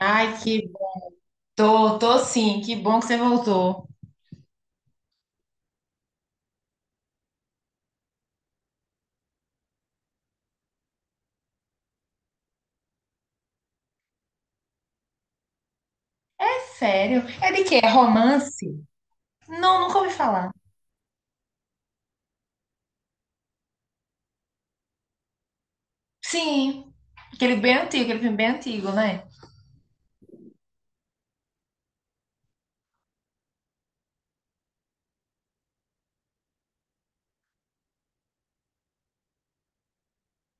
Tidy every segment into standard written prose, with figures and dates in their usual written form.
Ai, que tô sim, que bom que você voltou. É sério? É de quê? É romance? Não, nunca ouvi falar. Sim, aquele bem antigo, aquele filme bem antigo, né?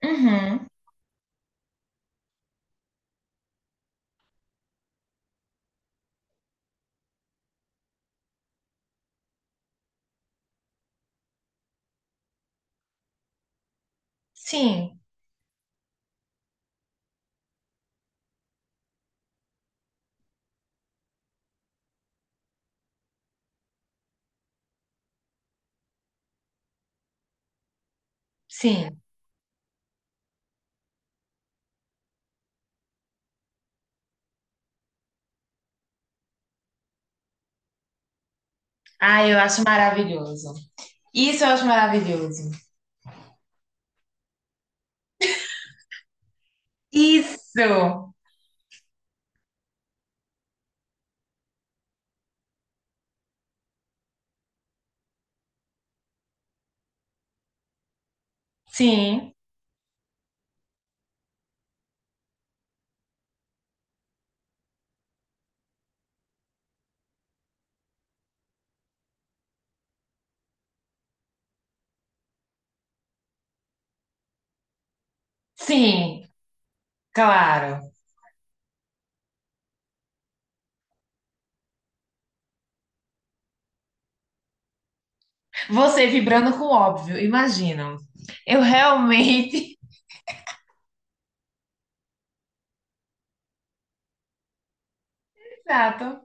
Uhum. Sim, sim. Ai, eu acho maravilhoso. Isso eu acho maravilhoso. Isso! Sim, sim, claro. Você vibrando com o óbvio, imagina. Eu realmente. Exato.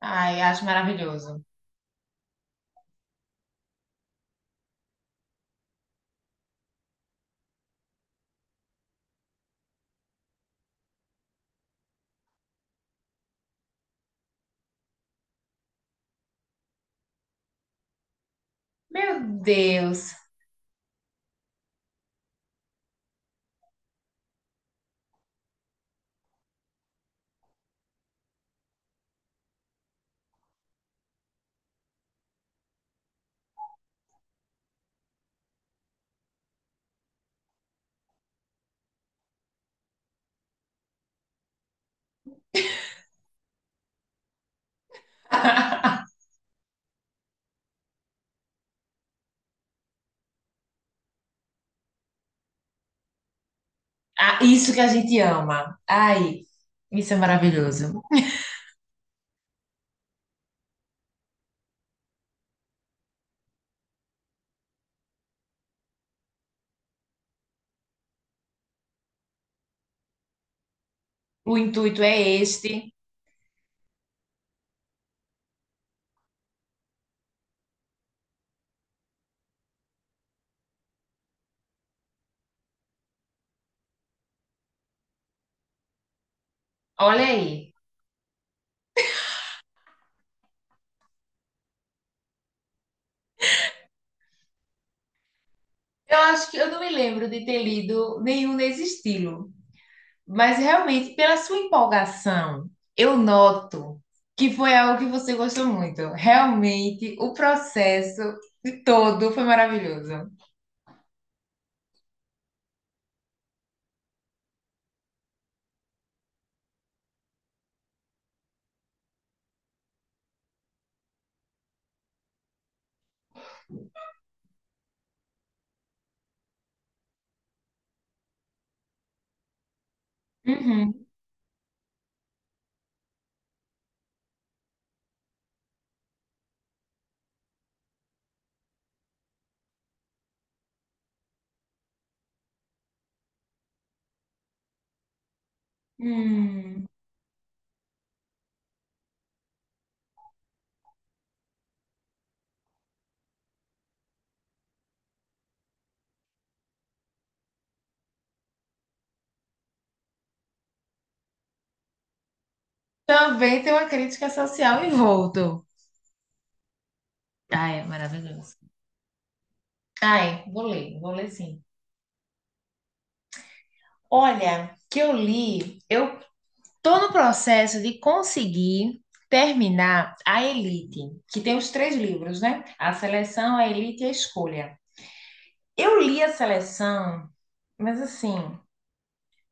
Ai, acho maravilhoso. Meu Deus. Ah, isso que a gente ama. Ai, isso é maravilhoso. O intuito é este. Olha aí. Eu acho que eu não me lembro de ter lido nenhum nesse estilo, mas realmente, pela sua empolgação, eu noto que foi algo que você gostou muito. Realmente, o processo de todo foi maravilhoso. Uhum. Hum. Também tem uma crítica social envolto. Ai, é maravilhoso. Ai, vou ler sim. Olha, que eu li, eu tô no processo de conseguir terminar A Elite, que tem os três livros, né? A Seleção, A Elite e a Escolha. Eu li a Seleção, mas assim,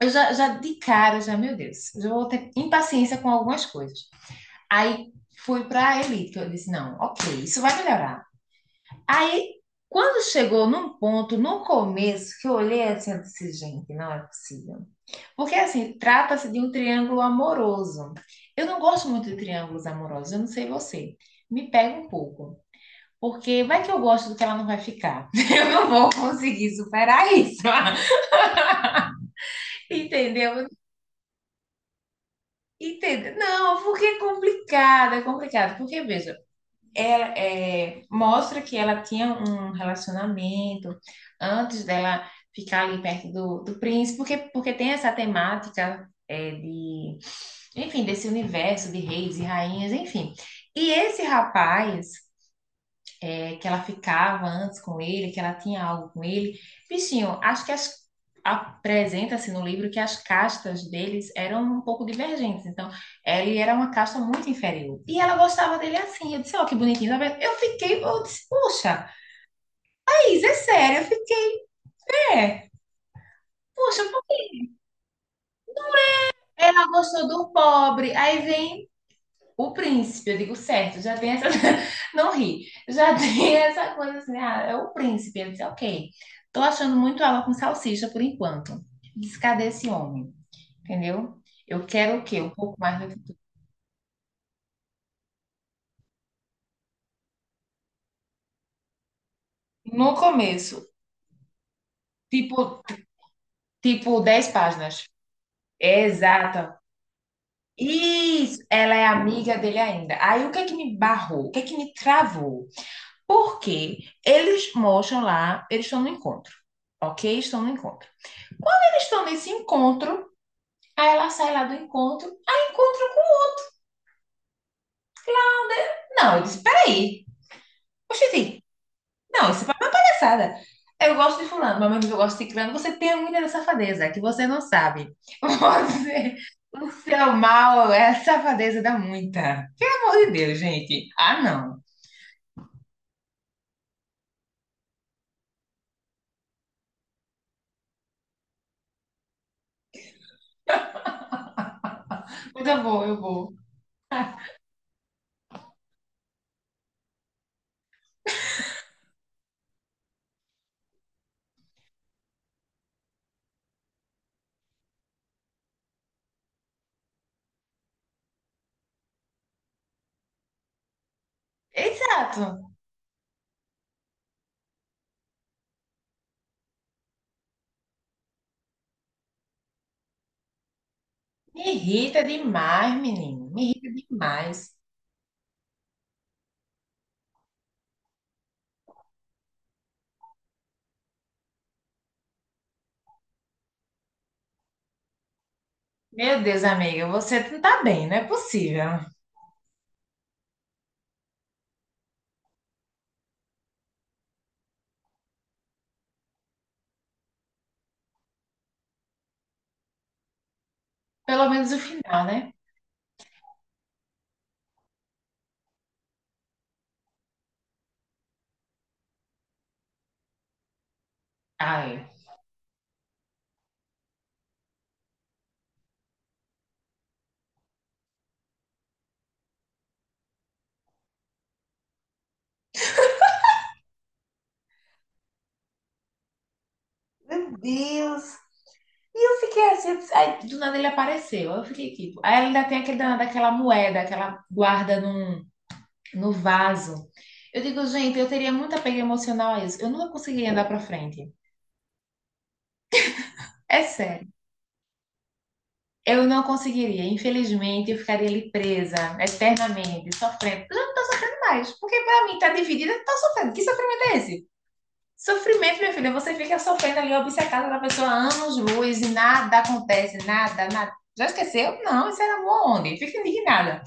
eu já, já de cara, eu já, meu Deus, já vou ter impaciência com algumas coisas. Aí fui para A Elite, que eu disse, não, ok, isso vai melhorar. Aí, quando chegou num ponto, no começo, que eu olhei assim, eu disse, gente, não é possível. Porque, assim, trata-se de um triângulo amoroso. Eu não gosto muito de triângulos amorosos, eu não sei você. Me pega um pouco. Porque vai que eu gosto do que ela não vai ficar. Eu não vou conseguir superar isso. Entendeu? Entendeu? Não, porque é complicado, é complicado. Porque, veja, ela é, mostra que ela tinha um relacionamento antes dela ficar ali perto do príncipe, porque, porque tem essa temática é, de enfim, desse universo de reis e rainhas, enfim. E esse rapaz, é, que ela ficava antes com ele, que ela tinha algo com ele, bichinho, acho que apresenta-se no livro que as castas deles eram um pouco divergentes. Então, ele era uma casta muito inferior. E ela gostava dele assim. Eu disse, ó, oh, que bonitinho. Sabe? Eu fiquei, eu disse, puxa, Thaís, é sério, eu fiquei, é. Puxa, ela gostou do pobre, aí vem o príncipe, eu digo certo, já tem essa. Não ri, já tem essa coisa assim, ah, é o príncipe. Ele disse, ok, tô achando muito água com salsicha por enquanto. Disse, cadê esse homem? Entendeu? Eu quero o quê? Um pouco mais. No começo, tipo, tipo 10 páginas. Exata. Isso, ela é amiga dele ainda. Aí o que é que me barrou? O que é que me travou? Porque eles mostram lá, eles estão no encontro, ok? Estão no encontro. Eles estão nesse encontro, aí ela sai lá do encontro. Aí encontro com. Não, eu disse, peraí. Oxente, não, isso é uma palhaçada. Eu gosto de fulano, mas mesmo que eu gosto de ciclano. Você tem muita safadeza, que você não sabe. Você, o seu mal é a safadeza da muita. Pelo amor de Deus, gente. Ah, não. Mas eu vou, eu vou. Ah, exato. Me irrita demais, menino. Me irrita demais. Meu Deus, amiga, você não tá bem, não é possível. Pelo menos o final, né? Ai. Meu Deus. E eu fiquei assim, aí do nada ele apareceu. Eu fiquei tipo. Aí ela ainda tem aquele danado, aquela moeda aquela guarda num, no vaso. Eu digo, gente, eu teria muito apego emocional a isso. Eu nunca conseguiria andar pra frente. É sério. Eu não conseguiria. Infelizmente, eu ficaria ali presa eternamente, sofrendo. Eu já não tô sofrendo mais. Porque pra mim, tá dividida, tá sofrendo. Que sofrimento é esse? Sofrimento, minha filha, você fica sofrendo ali, obcecada da pessoa há anos-luz e nada acontece, nada, nada. Já esqueceu? Não, isso era amor onde? Fica indignada.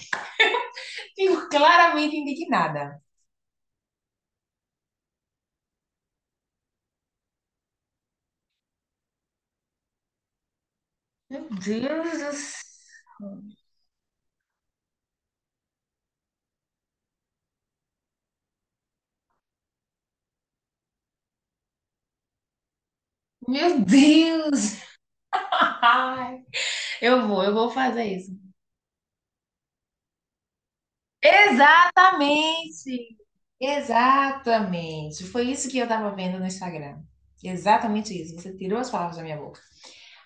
Fico claramente indignada. Meu Deus do céu. Meu Deus! Ai, eu vou, eu vou fazer isso. Exatamente! Exatamente! Foi isso que eu tava vendo no Instagram. Exatamente isso. Você tirou as palavras da minha boca.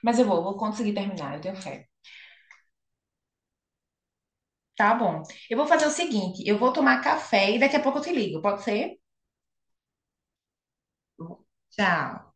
Mas eu vou, vou conseguir terminar, eu tenho fé. Tá bom. Eu vou fazer o seguinte: eu vou tomar café e daqui a pouco eu te ligo, pode ser? Tchau.